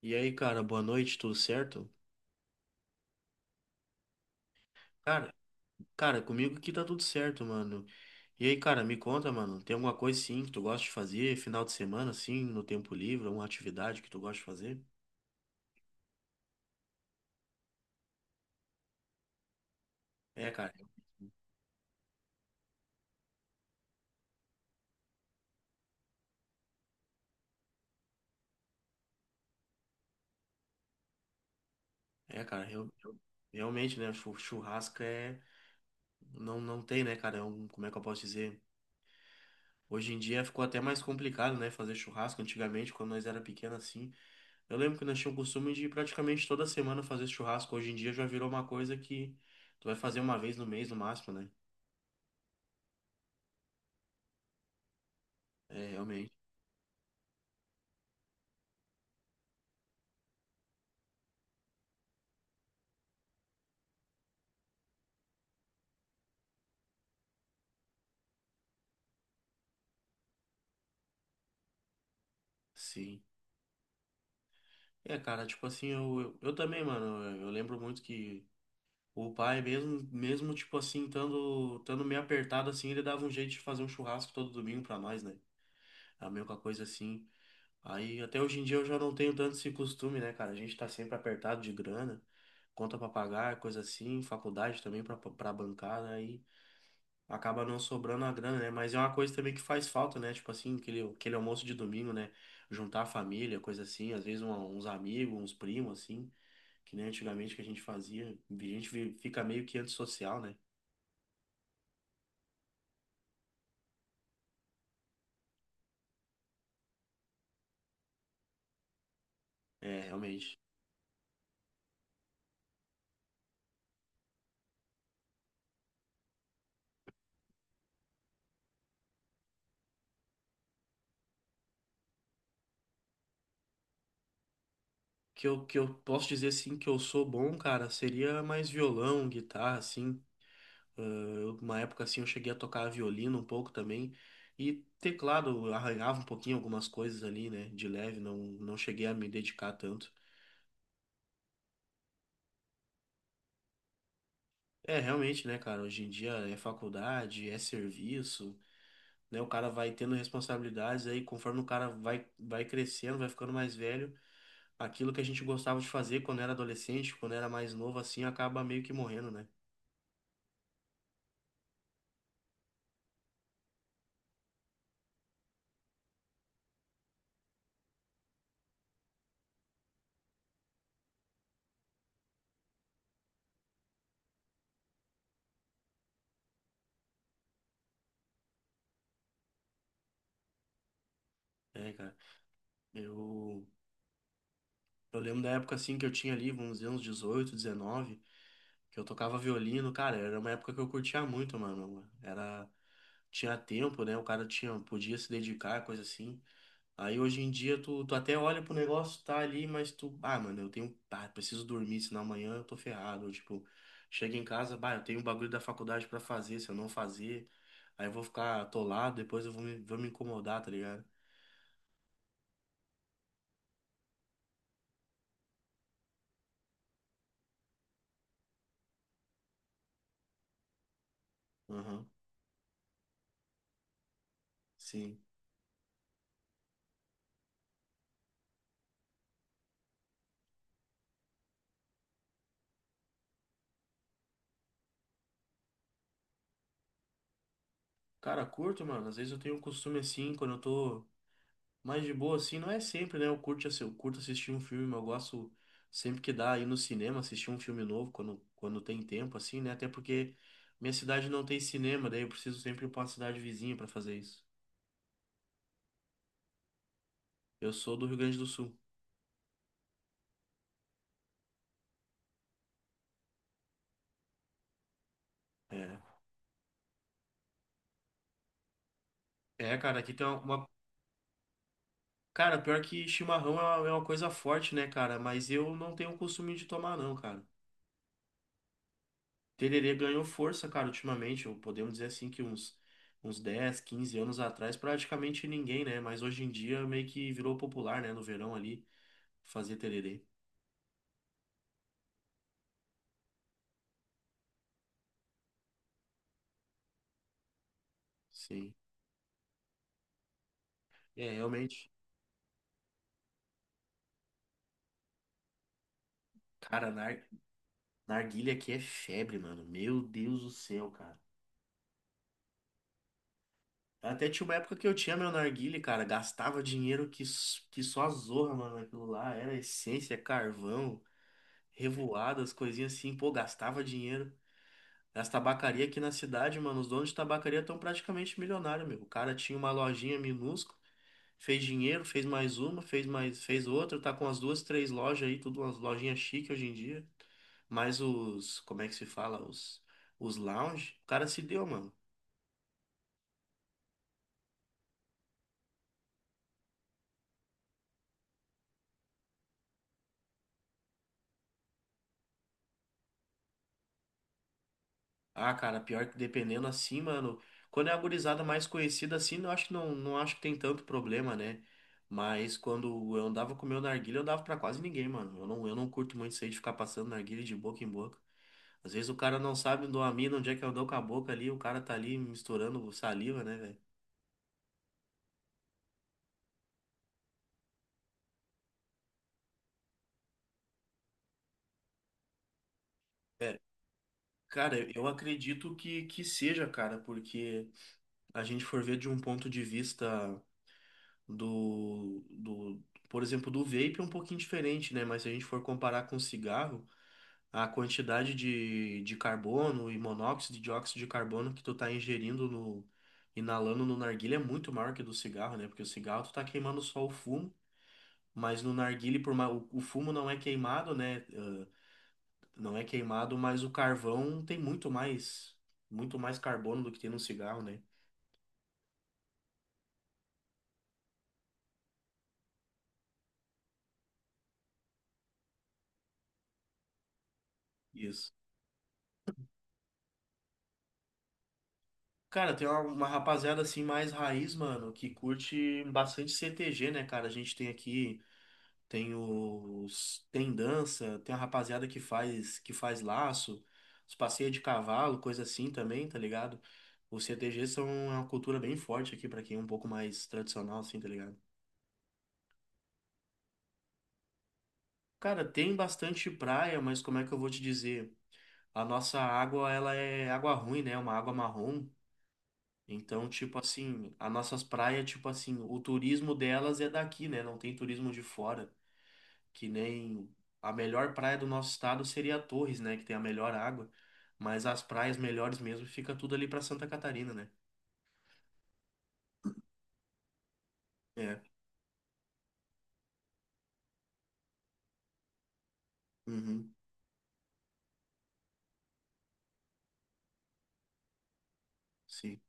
E aí, cara, boa noite, tudo certo? Cara, cara, comigo aqui tá tudo certo, mano. E aí, cara, me conta, mano, tem alguma coisa sim que tu gosta de fazer, final de semana, assim, no tempo livre, alguma atividade que tu gosta de fazer? É, cara, é, cara, realmente, né, churrasco é, não, não tem, né, cara, é um, como é que eu posso dizer? Hoje em dia ficou até mais complicado, né, fazer churrasco, antigamente, quando nós era pequeno, assim, eu lembro que nós tínhamos o costume de praticamente toda semana fazer churrasco, hoje em dia já virou uma coisa que tu vai fazer uma vez no mês, no máximo, né? É, realmente, sim. É, cara, tipo assim, eu também, mano, eu lembro muito que o pai, mesmo tipo assim, estando meio apertado assim, ele dava um jeito de fazer um churrasco todo domingo pra nós, né? A mesma coisa assim. Aí até hoje em dia eu já não tenho tanto esse costume, né, cara? A gente tá sempre apertado de grana, conta pra pagar, coisa assim, faculdade também pra bancar, né? Acaba não sobrando a grana, né? Mas é uma coisa também que faz falta, né? Tipo assim, aquele almoço de domingo, né? Juntar a família, coisa assim, às vezes uns amigos, uns primos, assim, que nem antigamente que a gente fazia. A gente fica meio que antissocial, né? É, realmente. Que eu posso dizer, assim, que eu sou bom, cara, seria mais violão, guitarra, assim. Ah, uma época, assim, eu cheguei a tocar violino um pouco também. E teclado, eu arranhava um pouquinho algumas coisas ali, né? De leve, não, não cheguei a me dedicar tanto. É, realmente, né, cara? Hoje em dia é faculdade, é serviço, né? O cara vai tendo responsabilidades aí, conforme o cara vai crescendo, vai ficando mais velho, aquilo que a gente gostava de fazer quando era adolescente, quando era mais novo, assim, acaba meio que morrendo, né? É, cara. Eu, eu lembro da época, assim, que eu tinha ali, vamos dizer, uns 18, 19, que eu tocava violino, cara, era uma época que eu curtia muito, mano. Era, tinha tempo, né? O cara tinha, podia se dedicar, coisa assim. Aí hoje em dia tu até olha pro negócio, tá ali, mas tu, ah, mano, eu tenho, ah, preciso dormir, senão amanhã eu tô ferrado. Ou, tipo, chega em casa, bah, eu tenho um bagulho da faculdade pra fazer, se eu não fazer, aí eu vou ficar atolado, depois eu vou me incomodar, tá ligado? Aham, sim. Cara, curto, mano, às vezes eu tenho um costume assim, quando eu tô. Mas de boa, assim, não é sempre, né? Eu curto, eu curto assistir um filme, eu gosto sempre que dá ir no cinema, assistir um filme novo quando tem tempo, assim, né? Até porque minha cidade não tem cinema, daí eu preciso sempre ir pra uma cidade vizinha pra fazer isso. Eu sou do Rio Grande do Sul. É. É, cara, aqui tem uma. Cara, pior que chimarrão é uma coisa forte, né, cara? Mas eu não tenho o costume de tomar, não, cara. Tererê ganhou força, cara, ultimamente. Ou podemos dizer assim que uns 10, 15 anos atrás, praticamente ninguém, né? Mas hoje em dia meio que virou popular, né? No verão ali, fazer tererê. Sim. É, realmente. Cara, narguilha aqui é febre, mano. Meu Deus do céu, cara. Até tinha uma época que eu tinha meu narguilé, cara. Gastava dinheiro que, que só a zorra, mano, aquilo lá. Era essência, carvão, revoadas, coisinhas assim. Pô, gastava dinheiro. As tabacarias aqui na cidade, mano, os donos de tabacaria estão praticamente milionários, meu. O cara tinha uma lojinha minúscula, fez dinheiro, fez mais uma, fez mais, fez outra, tá com as duas, três lojas aí, tudo umas lojinhas chique hoje em dia. Mas os, como é que se fala? Os lounge, o cara se deu, mano. Ah, cara, pior que dependendo assim, mano. Quando é a gurizada mais conhecida assim, eu acho que não, não acho que tem tanto problema, né? Mas quando eu andava com o meu narguilé, eu dava pra quase ninguém, mano. Eu não curto muito isso aí de ficar passando narguilé de boca em boca. Às vezes o cara não sabe do mina, onde é que eu dou com a boca ali, o cara tá ali misturando saliva, né, velho? É, cara, eu acredito que seja, cara, porque a gente for ver de um ponto de vista. do, do, por exemplo, do vape é um pouquinho diferente, né? Mas se a gente for comparar com cigarro, a quantidade de carbono e monóxido de dióxido de carbono que tu tá ingerindo no, inalando no narguilé é muito maior que do cigarro, né? Porque o cigarro tu tá queimando só o fumo, mas no narguilé, por mais, o fumo não é queimado, né? Ah, não é queimado, mas o carvão tem muito mais carbono do que tem no cigarro, né? Isso. Cara, tem uma rapaziada assim mais raiz, mano, que curte bastante CTG, né, cara? A gente tem aqui, tem os, tem dança, tem a rapaziada que faz laço, os passeios de cavalo, coisa assim também, tá ligado? Os CTG são é uma cultura bem forte aqui pra quem é um pouco mais tradicional assim, tá ligado? Cara, tem bastante praia, mas como é que eu vou te dizer? A nossa água, ela é água ruim, né? É uma água marrom. Então, tipo assim, as nossas praias, tipo assim, o turismo delas é daqui, né? Não tem turismo de fora. Que nem a melhor praia do nosso estado seria Torres, né? Que tem a melhor água. Mas as praias melhores mesmo fica tudo ali pra Santa Catarina, né? É. Uhum, sim.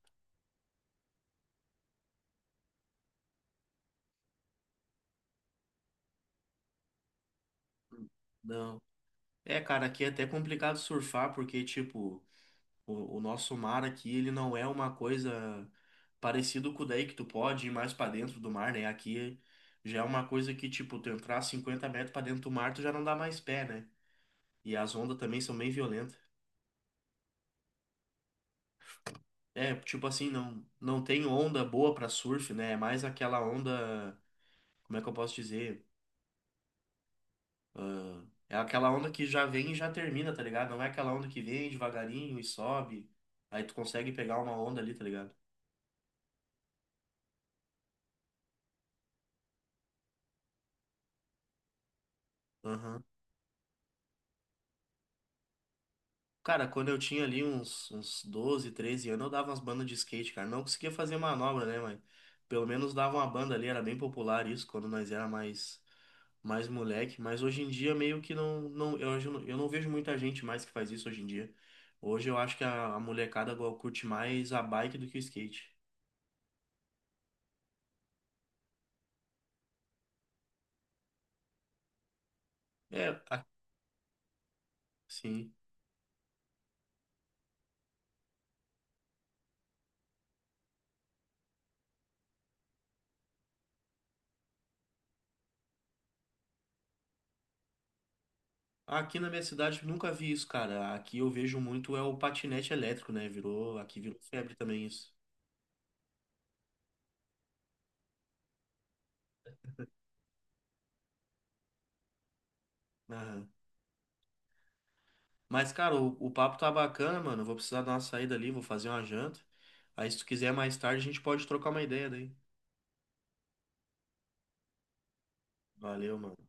Não. É, cara, aqui é até complicado surfar, porque, tipo, o nosso mar aqui, ele não é uma coisa parecido com o daí que tu pode ir mais pra dentro do mar, né? Aqui já é uma coisa que, tipo, tu entrar 50 metros pra dentro do mar, tu já não dá mais pé, né? E as ondas também são bem violentas. É, tipo assim, não, não tem onda boa pra surf, né? É mais aquela onda, como é que eu posso dizer? Ah, é aquela onda que já vem e já termina, tá ligado? Não é aquela onda que vem devagarinho e sobe. Aí tu consegue pegar uma onda ali, tá ligado? Aham. Cara, quando eu tinha ali uns 12, 13 anos, eu dava umas bandas de skate, cara. Não conseguia fazer manobra, né, mas pelo menos dava uma banda ali, era bem popular isso quando nós era mais mais moleque, mas hoje em dia meio que eu não vejo muita gente mais que faz isso hoje em dia. Hoje eu acho que a molecada agora curte mais a bike do que o skate. É, sim. Aqui na minha cidade eu nunca vi isso, cara. Aqui eu vejo muito é o patinete elétrico, né? Virou, aqui virou febre também isso. Mas, cara, o papo tá bacana, mano. Eu vou precisar dar uma saída ali, vou fazer uma janta. Aí, se tu quiser mais tarde, a gente pode trocar uma ideia daí. Valeu, mano.